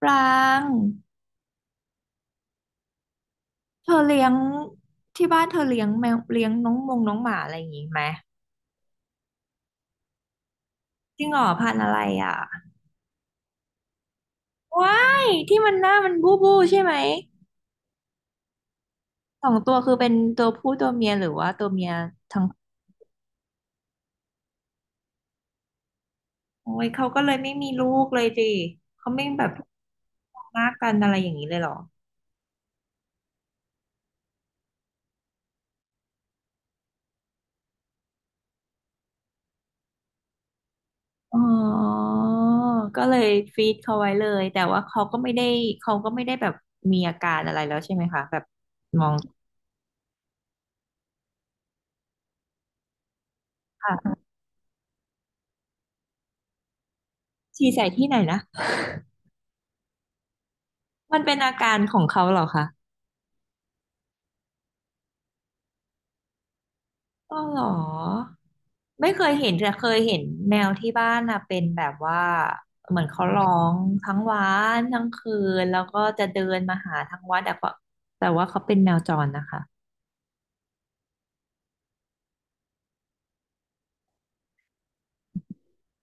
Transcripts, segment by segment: ปรางเธอเลี้ยงที่บ้านเธอเลี้ยงแมวเลี้ยงน้องมงน้องหมาอะไรอย่างงี้ไหมจริงเหรอพันธุ์อะไรอ่ะว้ายที่มันหน้ามันบู้บู้ใช่ไหมสองตัวคือเป็นตัวผู้ตัวเมียหรือว่าตัวเมียทั้งโอ้ยเขาก็เลยไม่มีลูกเลยสิเขาไม่แบบมากกันอะไรอย่างนี้เลยเหรออ๋อก็เลยฟีดเขาไว้เลยแต่ว่าเขาก็ไม่ได้เขาก็ไม่ได้แบบมีอาการอะไรแล้วใช่ไหมคะแบบมองค่ะฉี่ใส่ที่ไหนนะ มันเป็นอาการของเขาเหรอคะอ๋อเหรอไม่เคยเห็นแต่เคยเห็นแมวที่บ้านนะเป็นแบบว่าเหมือนเขาร้องทั้งวันทั้งคืนแล้วก็จะเดินมาหาทั้งวันแต่ว่าเขาเป็นแมวจรนะคะ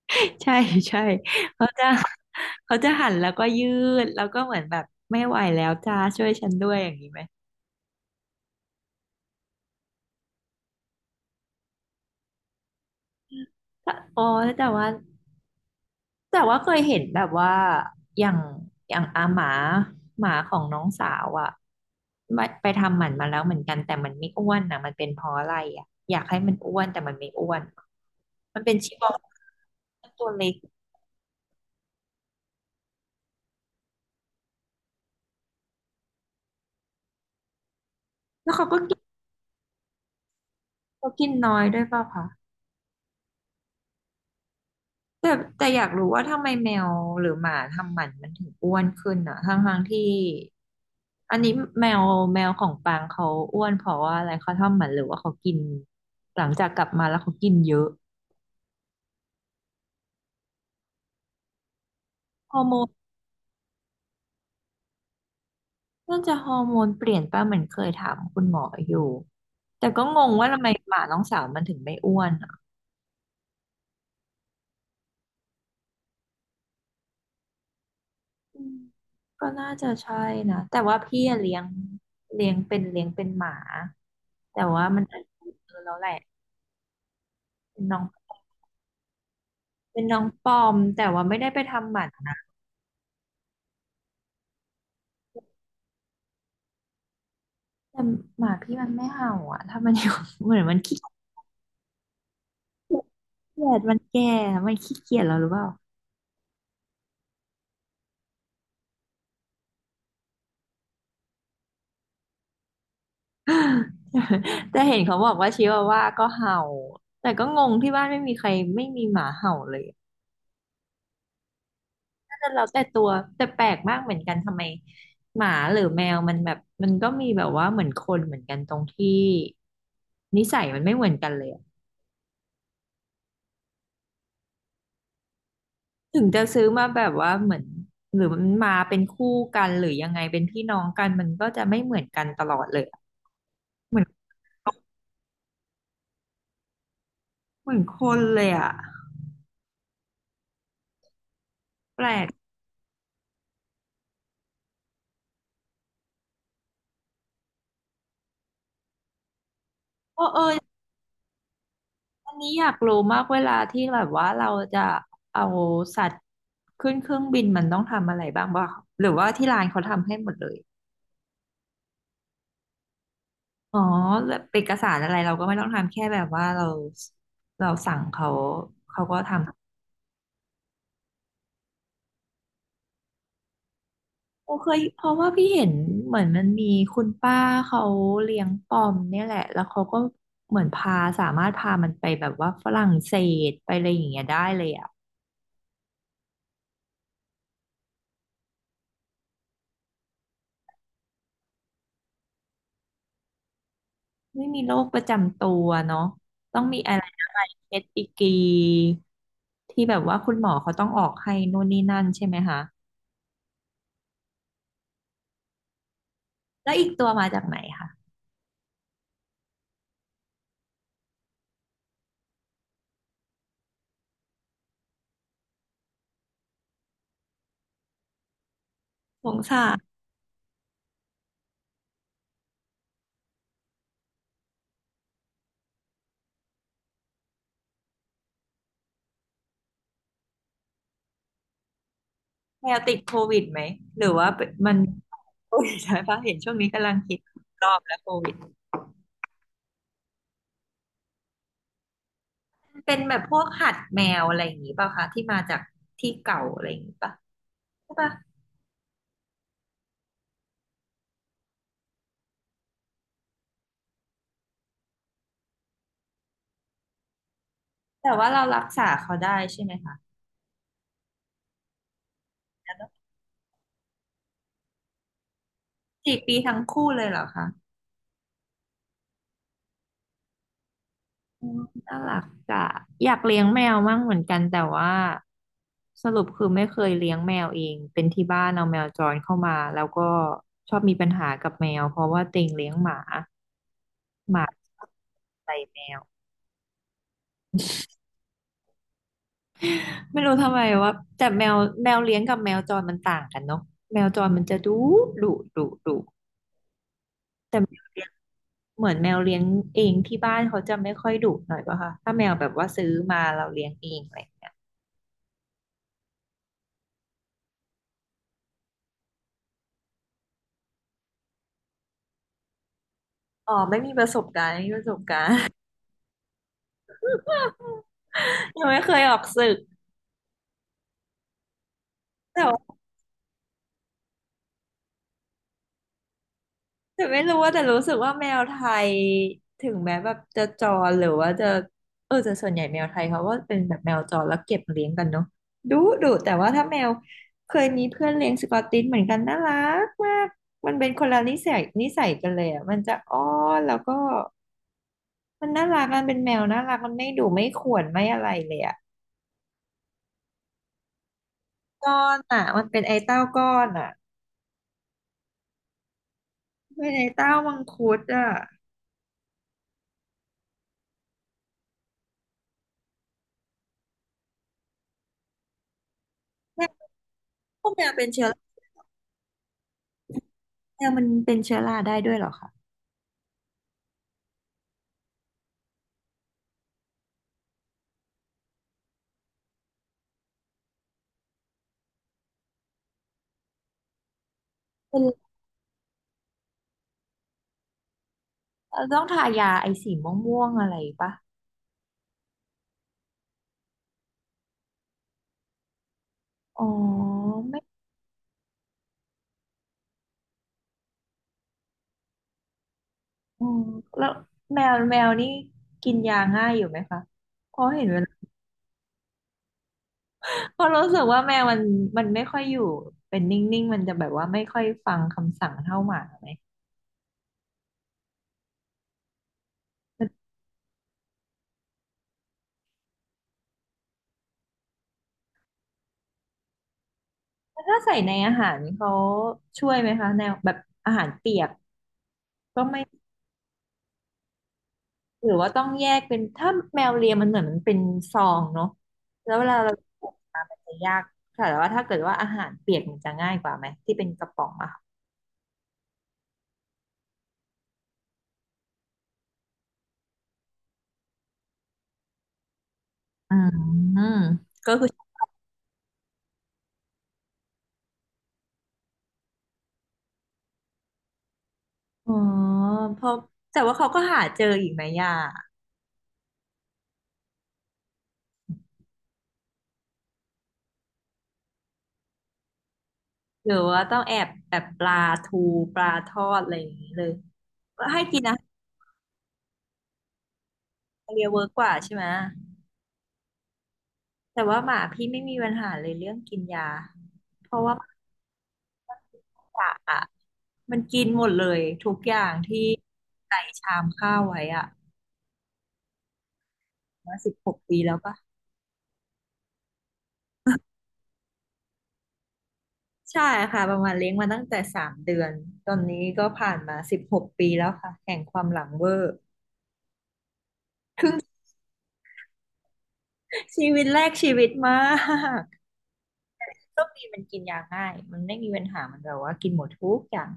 ใช่ใช่เขาจะเขาจะหันแล้วก็ยืดแล้วก็เหมือนแบบไม่ไหวแล้วจ้าช่วยฉันด้วยอย่างนี้ไหมแต่อ๋อแต่ว่า แต่ว่าเคยเห็นแบบว่าอย่างอย่างอาหมาหมาของน้องสาวอ่ะไปทำหมันมาแล้วเหมือนกันแต่มันไม่อ้วนนะมันเป็นเพราะอะไรอ่ะอยากให้มันอ้วนแต่มันไม่อ้วนมันเป็นชิบาตัวเล็กแล้วเขาก็กินเขากินน้อยด้วยเปล่าคะแต่อยากรู้ว่าทำไมแมวหรือหมาทำหมันมันถึงอ้วนขึ้นอ่ะทั้งที่อันนี้แมวแมวของปางเขาอ้วนเพราะว่าอะไรเขาทำหมันหรือว่าเขากินหลังจากกลับมาแล้วเขากินเยอะฮอร์โม น่าจะฮอร์โมนเปลี่ยนป่ะเหมือนเคยถามคุณหมออยู่แต่ก็งงว่าทำไมหมาน้องสาวมันถึงไม่อ้วนอ่ะอืมก็น่าจะใช่นะแต่ว่าพี่อะเลี้ยงเลี้ยงเป็นหมาแต่ว่ามันอาจจะเออะแล้วแหละเป็นน้องเป็นน้องปอมแต่ว่าไม่ได้ไปทำหมันนะแต่หมาพี่มันไม่เห่าอ่ะถ้ามันอยู่ เหมือนมันขี้เกียจมันแก่มันขี้เกียจแล้วหรือเปล่า แต่เห็นเขาบอกว่าชิวาว่าก็เห่าแต่ก็งงที่บ้านไม่มีใครไม่มีหมาเห่าเลยน่าจะเราแต่ตัวแต่แปลกมากเหมือนกันทำไมหมาหรือแมวมันแบบมันก็มีแบบว่าเหมือนคนเหมือนกันตรงที่นิสัยมันไม่เหมือนกันเลยอะถึงจะซื้อมาแบบว่าเหมือนหรือมันมาเป็นคู่กันหรือยังไงเป็นพี่น้องกันมันก็จะไม่เหมือนกันตลอดเลยอะเหมือนเหมือนคนเลยอ่ะแปลกเออเออ อันนี้อยากรู้มากเวลาที่แบบว่าเราจะเอาสัตว์ขึ้นเครื่องบินมันต้องทำอะไรบ้างหรือว่าที่ร้านเขาทำให้หมดเลยอ๋อแล้วเอกสารอะไรเราก็ไม่ต้องทำแค่แบบว่าเราสั่งเขาเขาก็ทำโอเคยเพราะว่าพี่เห็นเหมือนมันมีคุณป้าเขาเลี้ยงปอมเนี่ยแหละแล้วเขาก็เหมือนพาสามารถพามันไปแบบว่าฝรั่งเศสไปอะไรอย่างเงี้ยได้เลยอ่ะ ไม่มีโรคประจำตัวเนาะต้องมีอะไรอะไรเอสอีกีที่แบบว่าคุณหมอเขาต้องออกให้นู่นนี่นั่นใช่ไหมคะแล้วอีกตัวมาจากไหนคะสงสารแมวติดโควิดไหมหรือว่าเป็นมัน โควิดใช่ปะเห็นช่วงนี้กำลังคิดรอบแล้วโควิดเป็นแบบพวกหัดแมวอะไรอย่างงี้ป่ะคะที่มาจากที่เก่าอะไรอย่างงี้ป่ะใช่ป่ะแต่ว่าเรารักษาเขาได้ใช่ไหมคะ4 ปีทั้งคู่เลยเหรอคะ อืมน่ารักอ่ะอยากเลี้ยงแมวมั่งเหมือนกันแต่ว่าสรุปคือไม่เคยเลี้ยงแมวเองเป็นที่บ้านเอาแมวจรเข้ามาแล้วก็ชอบมีปัญหากับแมวเพราะว่าเต็งเลี้ยงหมาหมาใส่แมวไม่รู้ทำไมว่าแต่แมวเลี้ยงกับแมวจรมันต่างกันเนาะแมวจรมันจะดุดุดุแต่แมวเลี้ยงเหมือนแมวเลี้ยงเองที่บ้านเขาจะไม่ค่อยดุหน่อยป่ะคะถ้าแมวแบบว่าซื้อมาเราเลี้ยงเองอะไรอย่างเงี้ยอ๋อไม่มีประสบการณ์ไม่มีประสบการณ์ ยังไม่เคยออกศึกแต่ว่าแต่ไม่รู้ว่าแต่รู้สึกว่าแมวไทยถึงแม้แบบจะจรหรือว่าจะแต่ส่วนใหญ่แมวไทยเขาก็เป็นแบบแมวจรแล้วเก็บเลี้ยงกันเนาะดุดุแต่ว่าถ้าแมวเคยมีเพื่อนเลี้ยงสกอตติชเหมือนกันน่ารักมากมันเป็นคนละนิสัยกันเลยอ่ะมันจะอ้อนแล้วก็มันน่ารักมันเป็นแมวน่ารักมันไม่ดุไม่ข่วนไม่อะไรเลยอ่ะก้อนอ่ะมันเป็นไอ้เต้าก้อนอ่ะเป็นไอ้เต้ามังคุดอ่ะพวกแมวเป็นเชื้อ แมวมันเป็นเชื้อราได้ด้วยเหรอคะเป็นต้องทายาไอสีม่วงๆอะไรปะอ๋อไม่ออแล้วแมวนี่กินยาง่ายอยู่ไหมคะเพราะเห็นเวลา เพราะรู้สึกว่าแมวมันไม่ค่อยอยู่เป็นนิ่งๆมันจะแบบว่าไม่ค่อยฟังคำสั่งเท่าหมาไหมมันถ้าใส่ในอาหารเขาช่วยไหมคะแนวแบบอาหารเปียกก็ไม่ หรือว่าต้องแยกเป็นถ้าแมวเลียมันเหมือนมันเป็นซองเนาะแล้วเวลาเราปลูกมามันจะยากค่ะแต่ว่าถ้าเกิดว่าอาหารเปียกมันจะง่ายกว่าไหมที่เป็นกระป๋องอะค่ะอืมก็คืออ๋อเพราะแต่ว่าเขาก็หาเจออีกไหมย่าหรือว่าต้องแอบแบบปลาทูปลาทอดอะไรอย่างนี้เลยให้กินอาหารทะเลเวิร์กกว่าใช่ไหมแต่ว่าหมาพี่ไม่มีปัญหาเลยเรื่องกินยาเพราะว่า กะอ่ะมันกินหมดเลยทุกอย่างที่ใส่ชามข้าวไว้อ่ะมาสิบหกปีแล้วปะใช่ค่ะประมาณเลี้ยงมาตั้งแต่3 เดือนตอนนี้ก็ผ่านมาสิบหกปีแล้วค่ะแห่งความหลังเวอร์ชีวิตแรกชีวิตมากโชคดีมันกินยาง่ายมันไม่มีปัญหามันแบบว่ากินหมดทุกอย่าง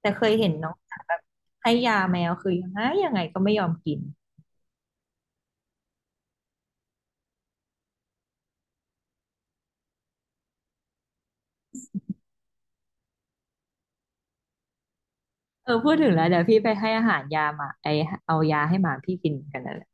แต่เคยเห็นน้องสาวแบบให้ยาแมวคือยังไงก็ไม่ยอมกินเออพูดถึงแล้วเดี๋ยวพี่ไปให้อาหารยาหมาไอเอายาให้หมาพี่กินกันนั่นแหละ